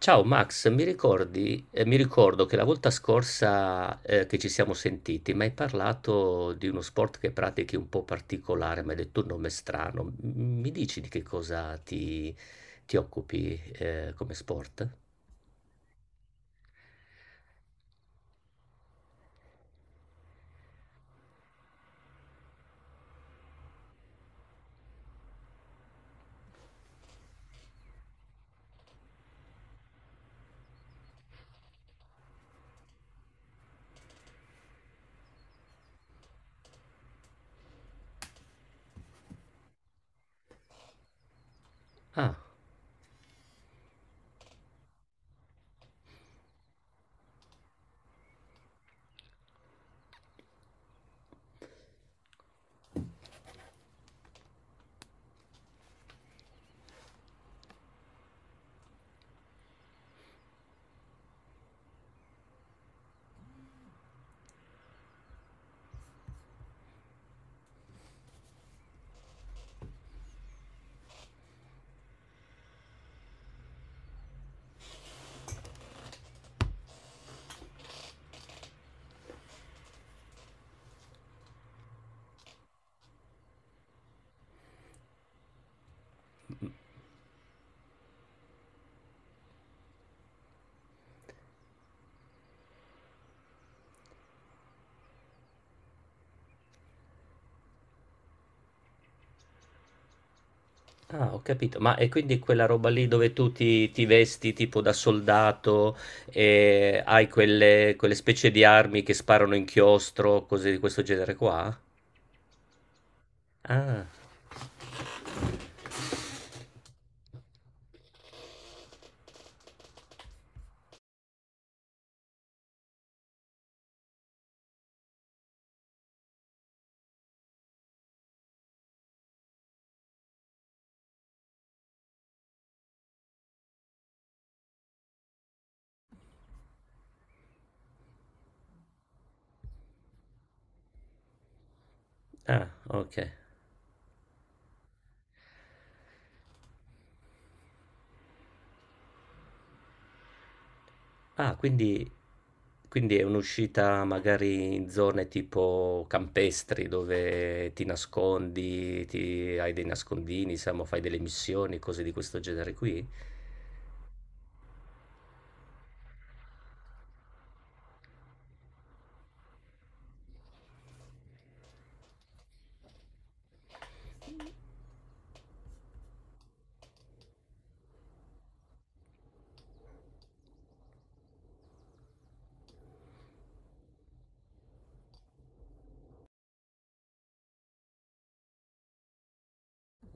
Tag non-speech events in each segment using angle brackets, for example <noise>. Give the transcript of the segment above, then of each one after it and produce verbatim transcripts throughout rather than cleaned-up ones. Ciao Max, mi ricordi, eh, mi ricordo che la volta scorsa eh, che ci siamo sentiti mi hai parlato di uno sport che pratichi un po' particolare, mi hai detto un nome strano. M- Mi dici di che cosa ti, ti occupi eh, come sport? Ah, ah, ho capito. Ma è quindi quella roba lì dove tu ti, ti vesti tipo da soldato e hai quelle, quelle specie di armi che sparano inchiostro, cose di questo genere qua? Ah, ah, ok. Ah, quindi, quindi è un'uscita magari in zone tipo campestri dove ti nascondi, ti- hai dei nascondini, siamo, fai delle missioni, cose di questo genere qui?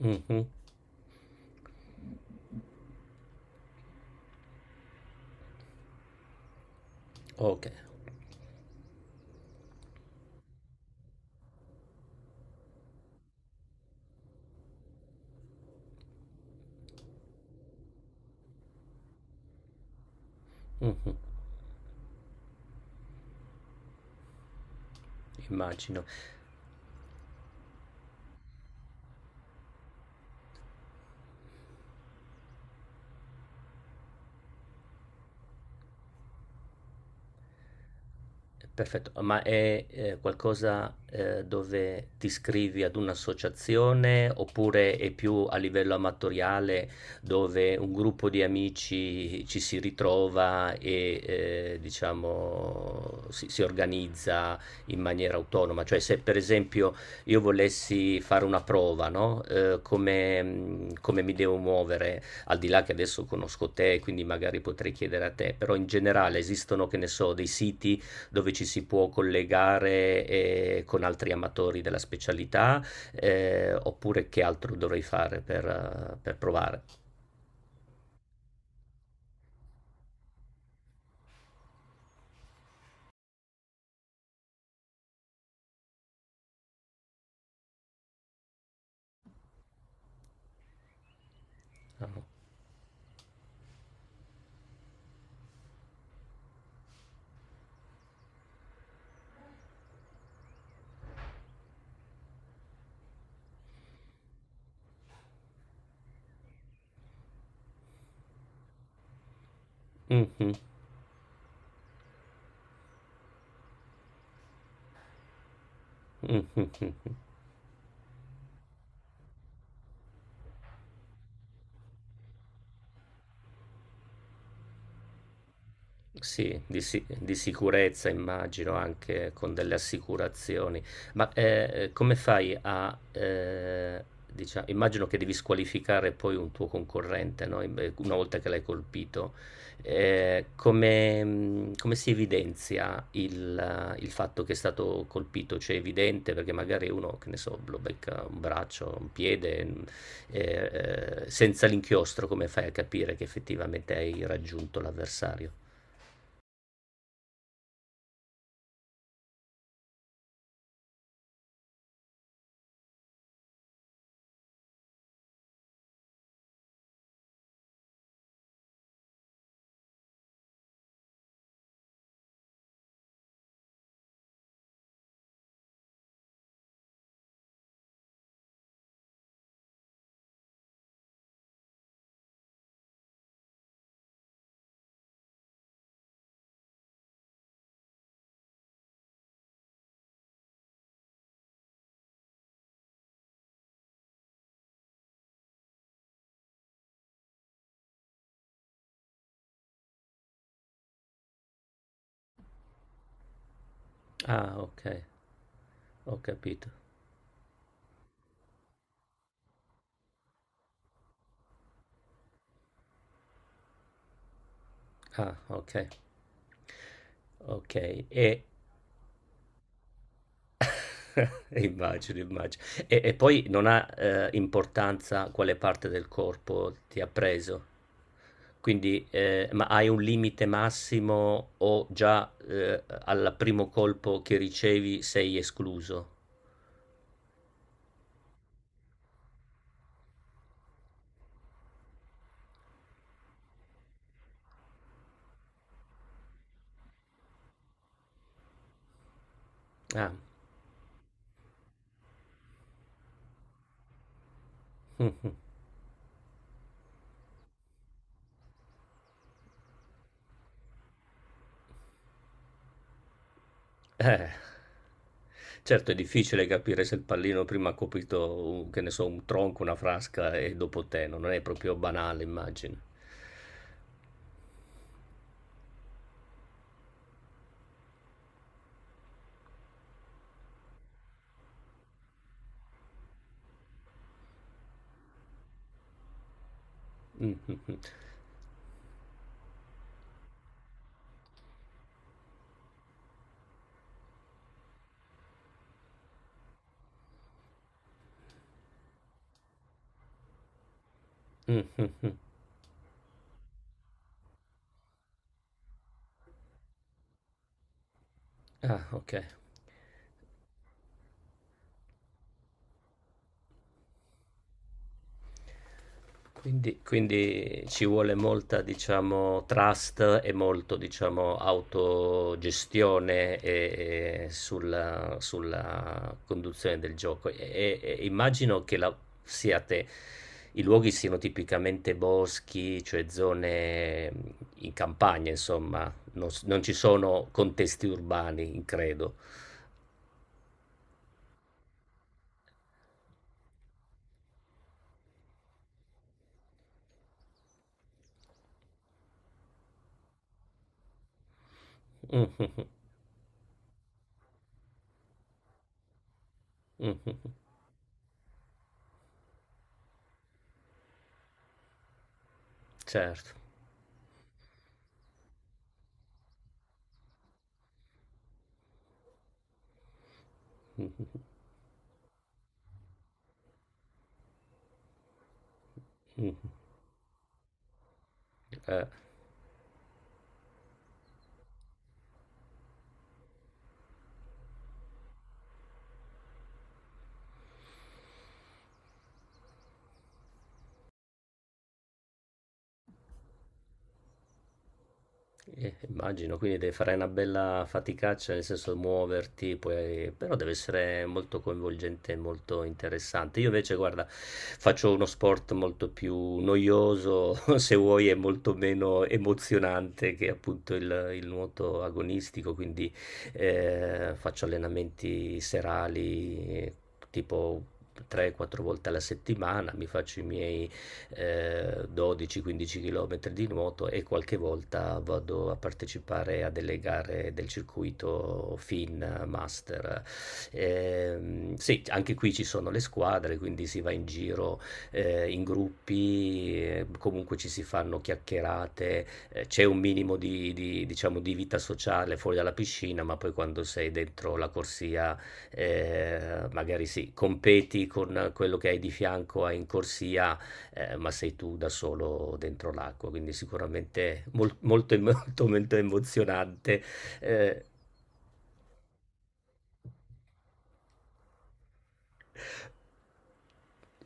Mhm. Ok. Mhm, immagino. Perfetto, ma è eh, qualcosa eh, dove ti iscrivi ad un'associazione oppure è più a livello amatoriale dove un gruppo di amici ci si ritrova e eh, diciamo si, si organizza in maniera autonoma? Cioè se per esempio io volessi fare una prova, no? Eh, come, mh, come mi devo muovere, al di là che adesso conosco te, quindi magari potrei chiedere a te, però in generale esistono, che ne so, dei siti dove ci si può collegare eh, con altri amatori della specialità, eh, oppure che altro dovrei fare per, eh, per provare? Ah. Mhm, mhm, mhm. Sì, di, si- di sicurezza immagino anche con delle assicurazioni, ma eh, come fai a, eh, diciamo, immagino che devi squalificare poi un tuo concorrente, no? In- Una volta che l'hai colpito, eh, come, mh, come si evidenzia il, il fatto che è stato colpito? Cioè è evidente perché magari uno, che ne so, lo becca un braccio, un piede, mh, eh, eh, senza l'inchiostro, come fai a capire che effettivamente hai raggiunto l'avversario? Ah, ok, ho capito. Ah, ok. Ok, e <laughs> immagino, immagino. E, e poi non ha eh, importanza quale parte del corpo ti ha preso. Quindi, eh, ma hai un limite massimo o già eh, al primo colpo che ricevi sei escluso? Ah, <laughs> eh. Certo è difficile capire se il pallino prima ha colpito un che ne so, un tronco, una frasca e dopo te, no, non è proprio banale immagino. Mh, mh, mh. Mh, mh, mh. Ah, okay. Quindi, quindi ci vuole molta, diciamo, trust e molto, diciamo, autogestione e- e sulla, sulla conduzione del gioco. E, e- e immagino che la- siate, i luoghi siano tipicamente boschi, cioè zone in campagna, insomma, non, s- non ci sono contesti urbani, credo. <laughs> Mhm, mhm. Certo. <laughs> Mhm, mhm. Eh. Eh, immagino, quindi devi fare una bella faticaccia, nel senso muoverti, poi- però deve essere molto coinvolgente e molto interessante. Io invece, guarda, faccio uno sport molto più noioso, <laughs> se vuoi, è molto meno emozionante che appunto il, il nuoto agonistico, quindi eh, faccio allenamenti serali, eh, tipo tre quattro volte alla settimana, mi faccio i miei eh, dodici quindici km di nuoto e qualche volta vado a partecipare a delle gare del circuito FIN Master. Eh, sì, anche qui ci sono le squadre, quindi si va in giro eh, in gruppi, eh, comunque ci si fanno chiacchierate, eh, c'è un minimo di, di, diciamo, di vita sociale fuori dalla piscina, ma poi quando sei dentro la corsia eh, magari sì, competi con quello che hai di fianco in corsia eh, ma sei tu da solo dentro l'acqua, quindi sicuramente mol- molto, <laughs> molto, molto emozionante. Eh,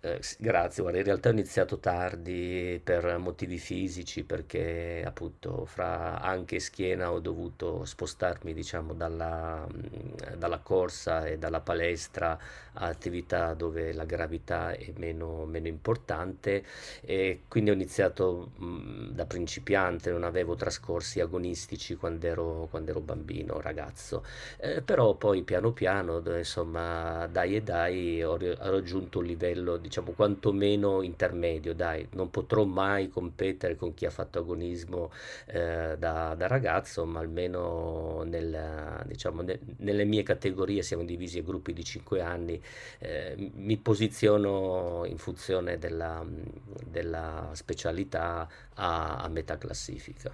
Eh, s- grazie, guarda, in realtà ho iniziato tardi per motivi fisici, perché appunto fra anche e schiena ho dovuto spostarmi, diciamo, dalla, mh, dalla corsa e dalla palestra a attività dove la gravità è meno, meno importante e quindi ho iniziato mh, da principiante, non avevo trascorsi agonistici quando ero, quando ero bambino, ragazzo. Eh, però poi piano piano, d- insomma, dai e dai, ho, ri- ho raggiunto un livello, diciamo, quantomeno intermedio, dai, non potrò mai competere con chi ha fatto agonismo eh, da, da ragazzo, ma almeno nella- diciamo, ne- nelle mie categorie siamo divisi a gruppi di cinque anni, eh, mi posiziono in funzione della, della specialità a a metà classifica.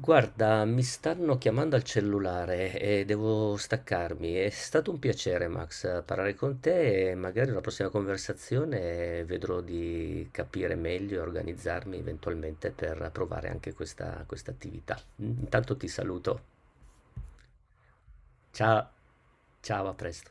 Guarda, mi stanno chiamando al cellulare e devo staccarmi. È stato un piacere, Max, parlare con te e magari una prossima conversazione vedrò di capire meglio e organizzarmi eventualmente per provare anche questa, questa attività. Intanto ti saluto. Ciao, ciao, a presto.